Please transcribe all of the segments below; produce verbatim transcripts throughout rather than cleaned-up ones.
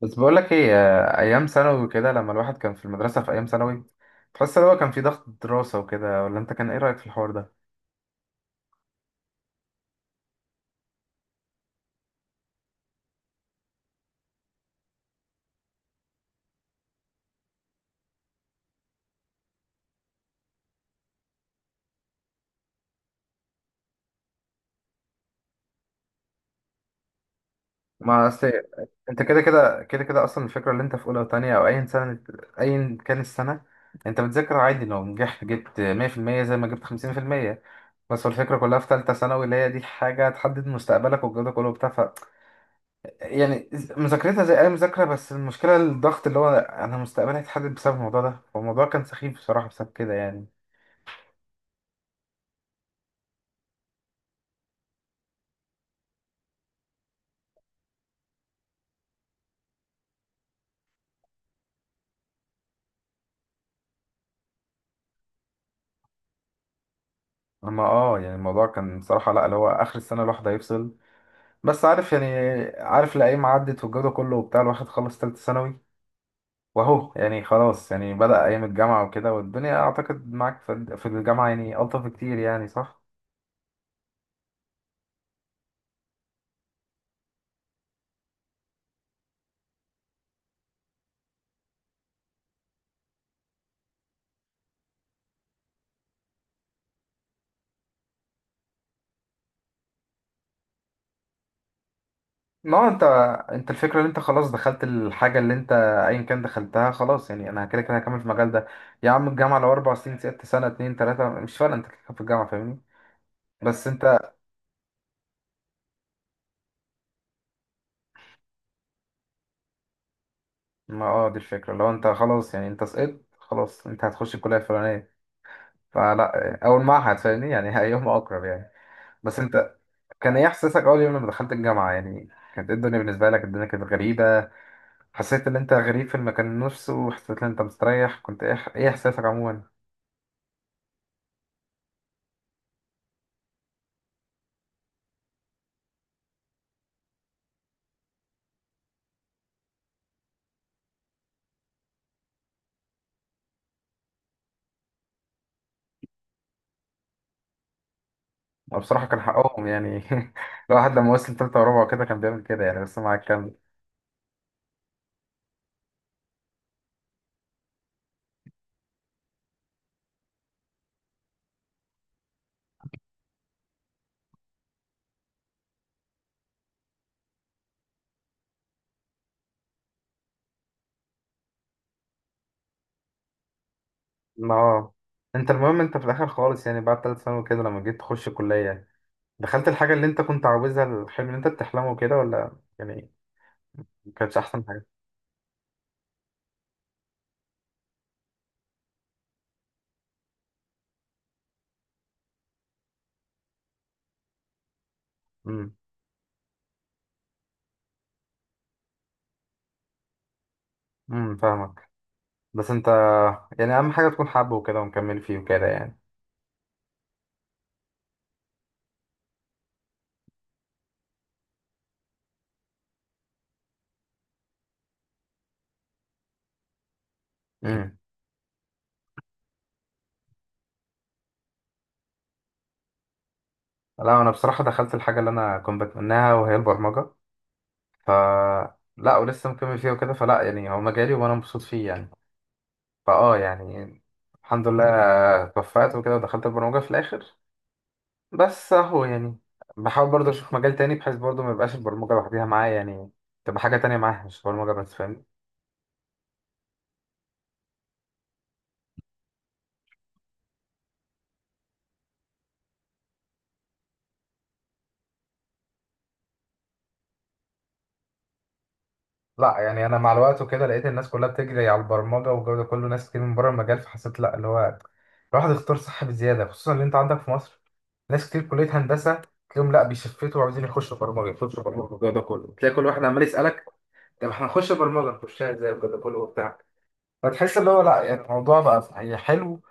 بس بقول لك ايه آه، ايام ثانوي كده لما الواحد كان في المدرسه في ايام ثانوي، تحس ان هو كان في ضغط دراسه وكده ولا انت كان ايه رايك في الحوار ده؟ ما اصل انت كده كده كده كده اصلا الفكره اللي انت في اولى وتانية او اي سنه، ايا كان السنه، انت بتذاكر عادي لو نجحت جبت مية في المية زي ما جبت خمسين في المية. بس هو الفكره كلها في ثالثه ثانوي اللي هي دي حاجه تحدد مستقبلك والجو ده كله وبتاع ف- يعني مذاكرتها زي اي مذاكره، بس المشكله الضغط اللي هو انا مستقبلي هيتحدد بسبب الموضوع ده، فالموضوع كان سخيف بصراحه بسبب كده يعني. اما اه يعني الموضوع كان بصراحة لا اللي هو اخر السنة الواحد هيفصل، بس عارف يعني، عارف الايام عدت والجو ده كله وبتاع الواحد خلص تالتة ثانوي واهو يعني خلاص، يعني بدأ ايام الجامعة وكده والدنيا اعتقد معاك في في الجامعة يعني الطف كتير يعني، صح؟ ما هو انت انت الفكرة اللي انت خلاص دخلت الحاجة اللي انت ايا كان دخلتها خلاص، يعني انا كده كده هكمل في المجال ده. يا عم الجامعة لو اربع سنين ست سنة اتنين تلاتة مش فارقة، انت كده كده في الجامعة، فاهمني؟ بس انت، ما اه دي الفكرة لو انت خلاص يعني انت سقطت خلاص انت هتخش الكلية الفلانية، فلا أول معهد فاهمني، يعني أيهما أقرب يعني. بس أنت، كان إيه إحساسك أول يوم لما دخلت الجامعة يعني؟ كانت إيه الدنيا بالنسبة لك؟ الدنيا كانت غريبة؟ حسيت إن أنت غريب في المكان نفسه؟ حسيت إن أنت مستريح؟ كنت إيه إيه إحساسك عموما؟ أنا بصراحة كان حقهم يعني الواحد لما وصل تالتة ورابعة وكده كان بيعمل كده يعني، بس مع الكلام. ما هو أنت، المهم أنت في الآخر خالص يعني بعد تالت ثانوي كده لما جيت تخش الكلية، دخلت الحاجة اللي أنت كنت عاوزها، الحلم اللي أنت بتحلمه كده، ولا يعني ما كانتش أحسن حاجة؟ أمم. أمم، فاهمك. بس انت يعني اهم حاجه تكون حابه وكده ومكمل فيه وكده يعني. امم. لا انا بصراحه دخلت الحاجه اللي انا كنت بتمناها وهي البرمجه. ف- لا ولسه مكمل فيها وكده، فلا يعني هو مجالي وانا مبسوط فيه يعني، فاه يعني الحمد لله، توفقت وكده ودخلت البرمجه في الاخر. بس اهو يعني بحاول برضه اشوف مجال تاني بحيث برضه ما يبقاش البرمجه لوحديها معايا يعني، تبقى حاجه تانية معايا مش برمجه بس، فاهمني؟ لا يعني انا مع الوقت وكده لقيت الناس كلها بتجري على البرمجه والجو ده كله، ناس كتير من بره المجال، فحسيت لا اللي هو الواحد اختار صح بزياده، خصوصا ان انت عندك في مصر ناس كتير كليه هندسه تلاقيهم لا بيشفتوا وعايزين يخشوا برمجه، يخشوا برمجه والجو ده كله، تلاقي كل واحد عمال يسالك طب احنا هنخش برمجه نخشها ازاي والجو ده كله وبتاع، فتحس اللي هو لا يعني الموضوع بقى صحيح حلو.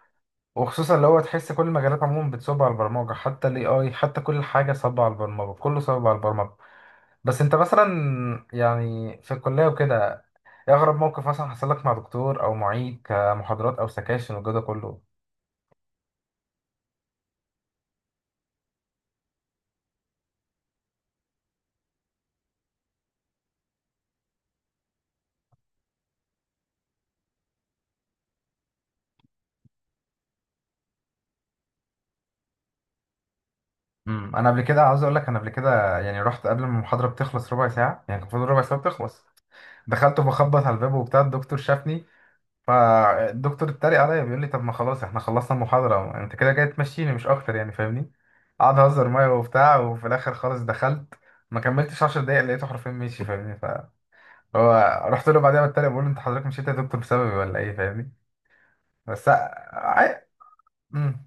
وخصوصا اللي هو تحس كل المجالات عموما بتصب على البرمجه، حتى الاي اي، حتى كل حاجه صب على البرمجه، كله صب على البرمجه. بس انت مثلا يعني في الكلية وكده، ايه اغرب موقف مثلا حصل لك مع دكتور او معيد كمحاضرات او سكاشن وكده كله؟ امم، انا قبل كده عاوز اقول لك، انا قبل كده يعني رحت قبل ما المحاضرة بتخلص ربع ساعة، يعني كان المفروض ربع ساعة بتخلص، دخلت بخبط على الباب وبتاع، الدكتور شافني، فالدكتور اتريق عليا بيقول لي طب ما خلاص احنا خلصنا المحاضرة، انت كده جاي تمشيني مش اكتر يعني فاهمني. قعد اهزر معايا وبتاع وفي الاخر خالص دخلت، ما كملتش 10 دقايق لقيته حرفيا ماشي فاهمني. هو رحت له بعدها بتريق بقول له انت حضرتك مشيت يا دكتور بسببي ولا ايه فاهمني. بس عي... مم.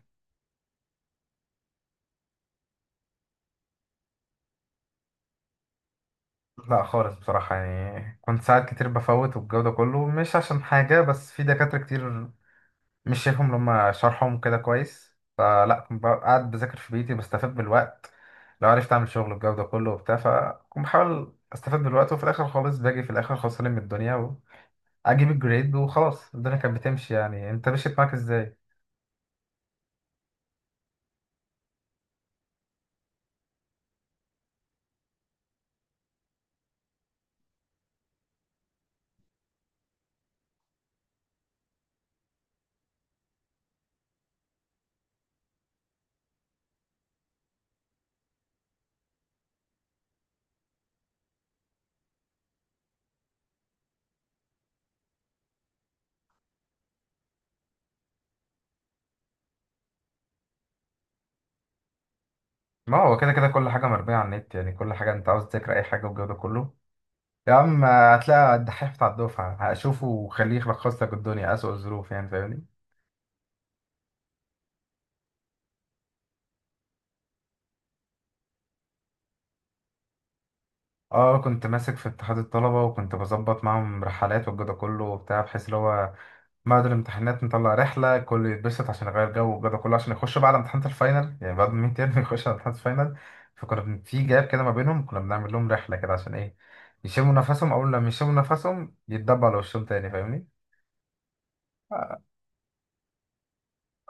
لا خالص بصراحة يعني كنت ساعات كتير بفوت والجو ده كله، مش عشان حاجة بس في دكاترة كتير مش شايفهم لما شرحهم كده كويس، فلا كنت بقى قاعد بذاكر في بيتي بستفاد بالوقت، لو عرفت اعمل شغل الجو ده كله وبتاع، فكنت بحاول استفاد بالوقت وفي الاخر خالص باجي في الاخر خسران من الدنيا، واجيب الجريد وخلاص الدنيا كانت بتمشي يعني. انت مشيت معاك ازاي؟ ما هو كده كده كل حاجة مربية على النت يعني، كل حاجة أنت عاوز تذاكر أي حاجة والجو ده كله، يا عم هتلاقي الدحيح بتاع الدفعة هشوفه وخليه يلخص لك الدنيا أسوأ الظروف يعني فاهمني. اه كنت ماسك في اتحاد الطلبة وكنت بظبط معاهم رحلات والجو ده كله وبتاع، بحيث اللي هو بعد الامتحانات نطلع رحلة كله يتبسط عشان يغير جو والجو ده كله عشان يخش بعد امتحانات الفاينل، يعني بعد 100 ترم يخش على امتحانات الفاينل. فكنا بن- في جاب كده ما بينهم كنا بنعمل لهم رحلة كده عشان ايه يشموا نفسهم، أول لما يشموا نفسهم يتدبوا على وشهم تاني فاهمني.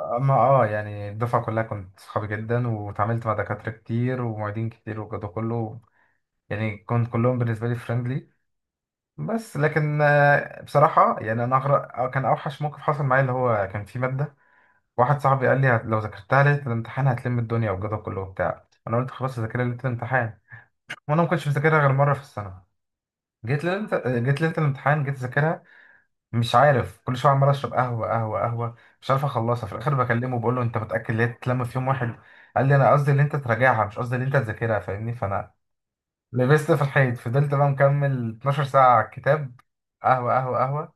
اما اه يعني الدفعه كلها كنت صحابي جدا واتعاملت مع دكاتره كتير ومعيدين كتير وكده كله، يعني كنت كلهم بالنسبه لي فريندلي. بس لكن آه، بصراحه يعني انا أغرق آه، كان اوحش موقف حصل معايا اللي هو كان في ماده، واحد صاحبي قال لي هت- لو ذاكرتها ليله الامتحان هتلم الدنيا وكده كله وبتاع، انا قلت خلاص هذاكرها ليله الامتحان، وانا ما كنتش بذاكرها غير مره في السنه. جيت ليله جيت ليله الامتحان جيت اذاكرها، مش عارف كل شويه عمال اشرب قهوه قهوه قهوه، مش عارف اخلصها، في الاخر بكلمه بقول له انت متاكد ان هي تتلم في يوم واحد؟ قال لي انا قصدي ان انت تراجعها مش قصدي ان انت تذاكرها فاهمني، فانا لبست في الحيط، فضلت بقى مكمل اثنا عشر ساعة ساعه على الكتاب، قهوه قهوه قهوه،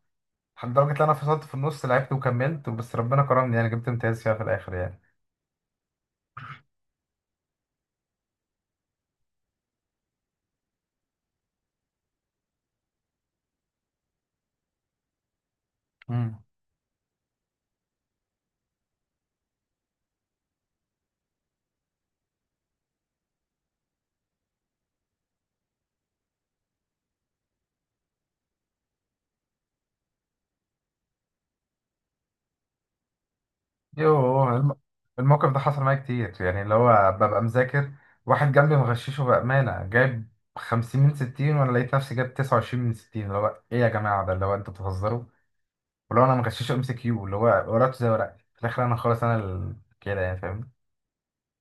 لدرجه ان انا فصلت في النص لعبت وكملت، بس ربنا كرمني يعني جبت امتياز فيها في الاخر يعني. مم. يوه الم- الموقف ده حصل معايا كتير، يعني اللي هو ببقى مذاكر واحد جنبي مغششه بأمانة جايب خمسين من ستين وأنا لقيت نفسي جايب تسعة وعشرين من ستين، اللي هو إيه يا جماعة ده؟ اللي هو أنتوا بتهزروا؟ ولو أنا مغششه ام سي كيو اللي هو ورقته زي ورقتي في الآخر، أنا خلاص أنا ال- كده يعني فاهم.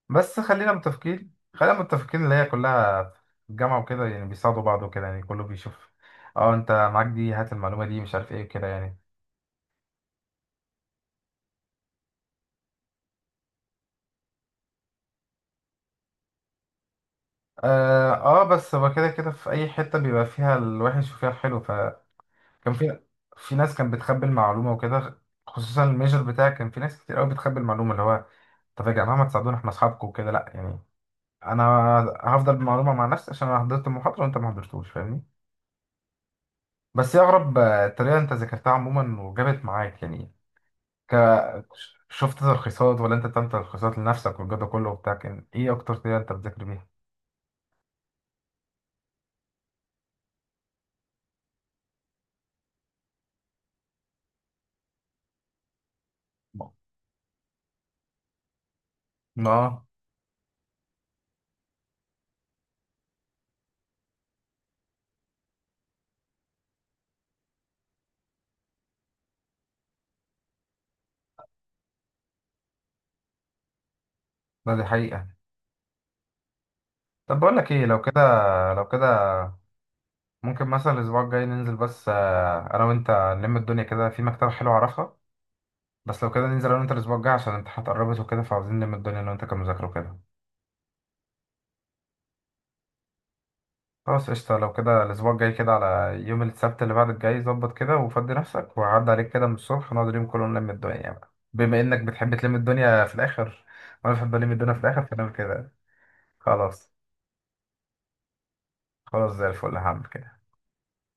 بس خلينا متفقين، خلينا متفقين اللي هي كلها في الجامعة وكده يعني بيساعدوا بعض وكده يعني، كله بيشوف اه انت معاك دي، هات المعلومة دي مش عارف ايه وكده يعني. اه آه، بس هو كده كده في اي حتة بيبقى فيها الوحش وفيها الحلو. كان في في ناس كانت بتخبي المعلومة وكده، خصوصا الميجر بتاعي كان في ناس كتير قوي بتخبي المعلومة، اللي هو طب يا جماعة ما تساعدونا احنا اصحابكم وكده، لا يعني انا هفضل بالمعلومة مع نفسي عشان انا حضرت المحاضرة وانت ما حضرتوش فاهمني. بس هي اغرب آه، طريقة انت ذاكرتها عموما وجابت معاك يعني، ك... شفت تلخيصات ولا انت بتعمل تلخيصات لنفسك والجو ده كله وبتاع، كان ايه اكتر طريقة انت بتذاكر بيها؟ ما ما- اه ده دي حقيقة. طب بقول لك ايه لو كده، لو كده ممكن مثلا الأسبوع الجاي ننزل بس آه، أنا وأنت، نلم الدنيا كده في مكتبة حلوة أعرفها. بس لو كده ننزل أنا وأنت الأسبوع الجاي عشان الامتحانات قربت وكده، فعاوزين نلم الدنيا أنا وأنت كمذاكرة وكده. خلاص قشطة، لو كده الأسبوع الجاي كده على يوم السبت اللي بعد الجاي ظبط كده، وفضي نفسك وعدي عليك كده من الصبح، نقعد اليوم كله نلم الدنيا بقى بما إنك بتحب تلم الدنيا في الآخر، وأنا بحب ألم الدنيا في الآخر، فنعمل كده. خلاص، خلاص زي الفل، هعمل كده.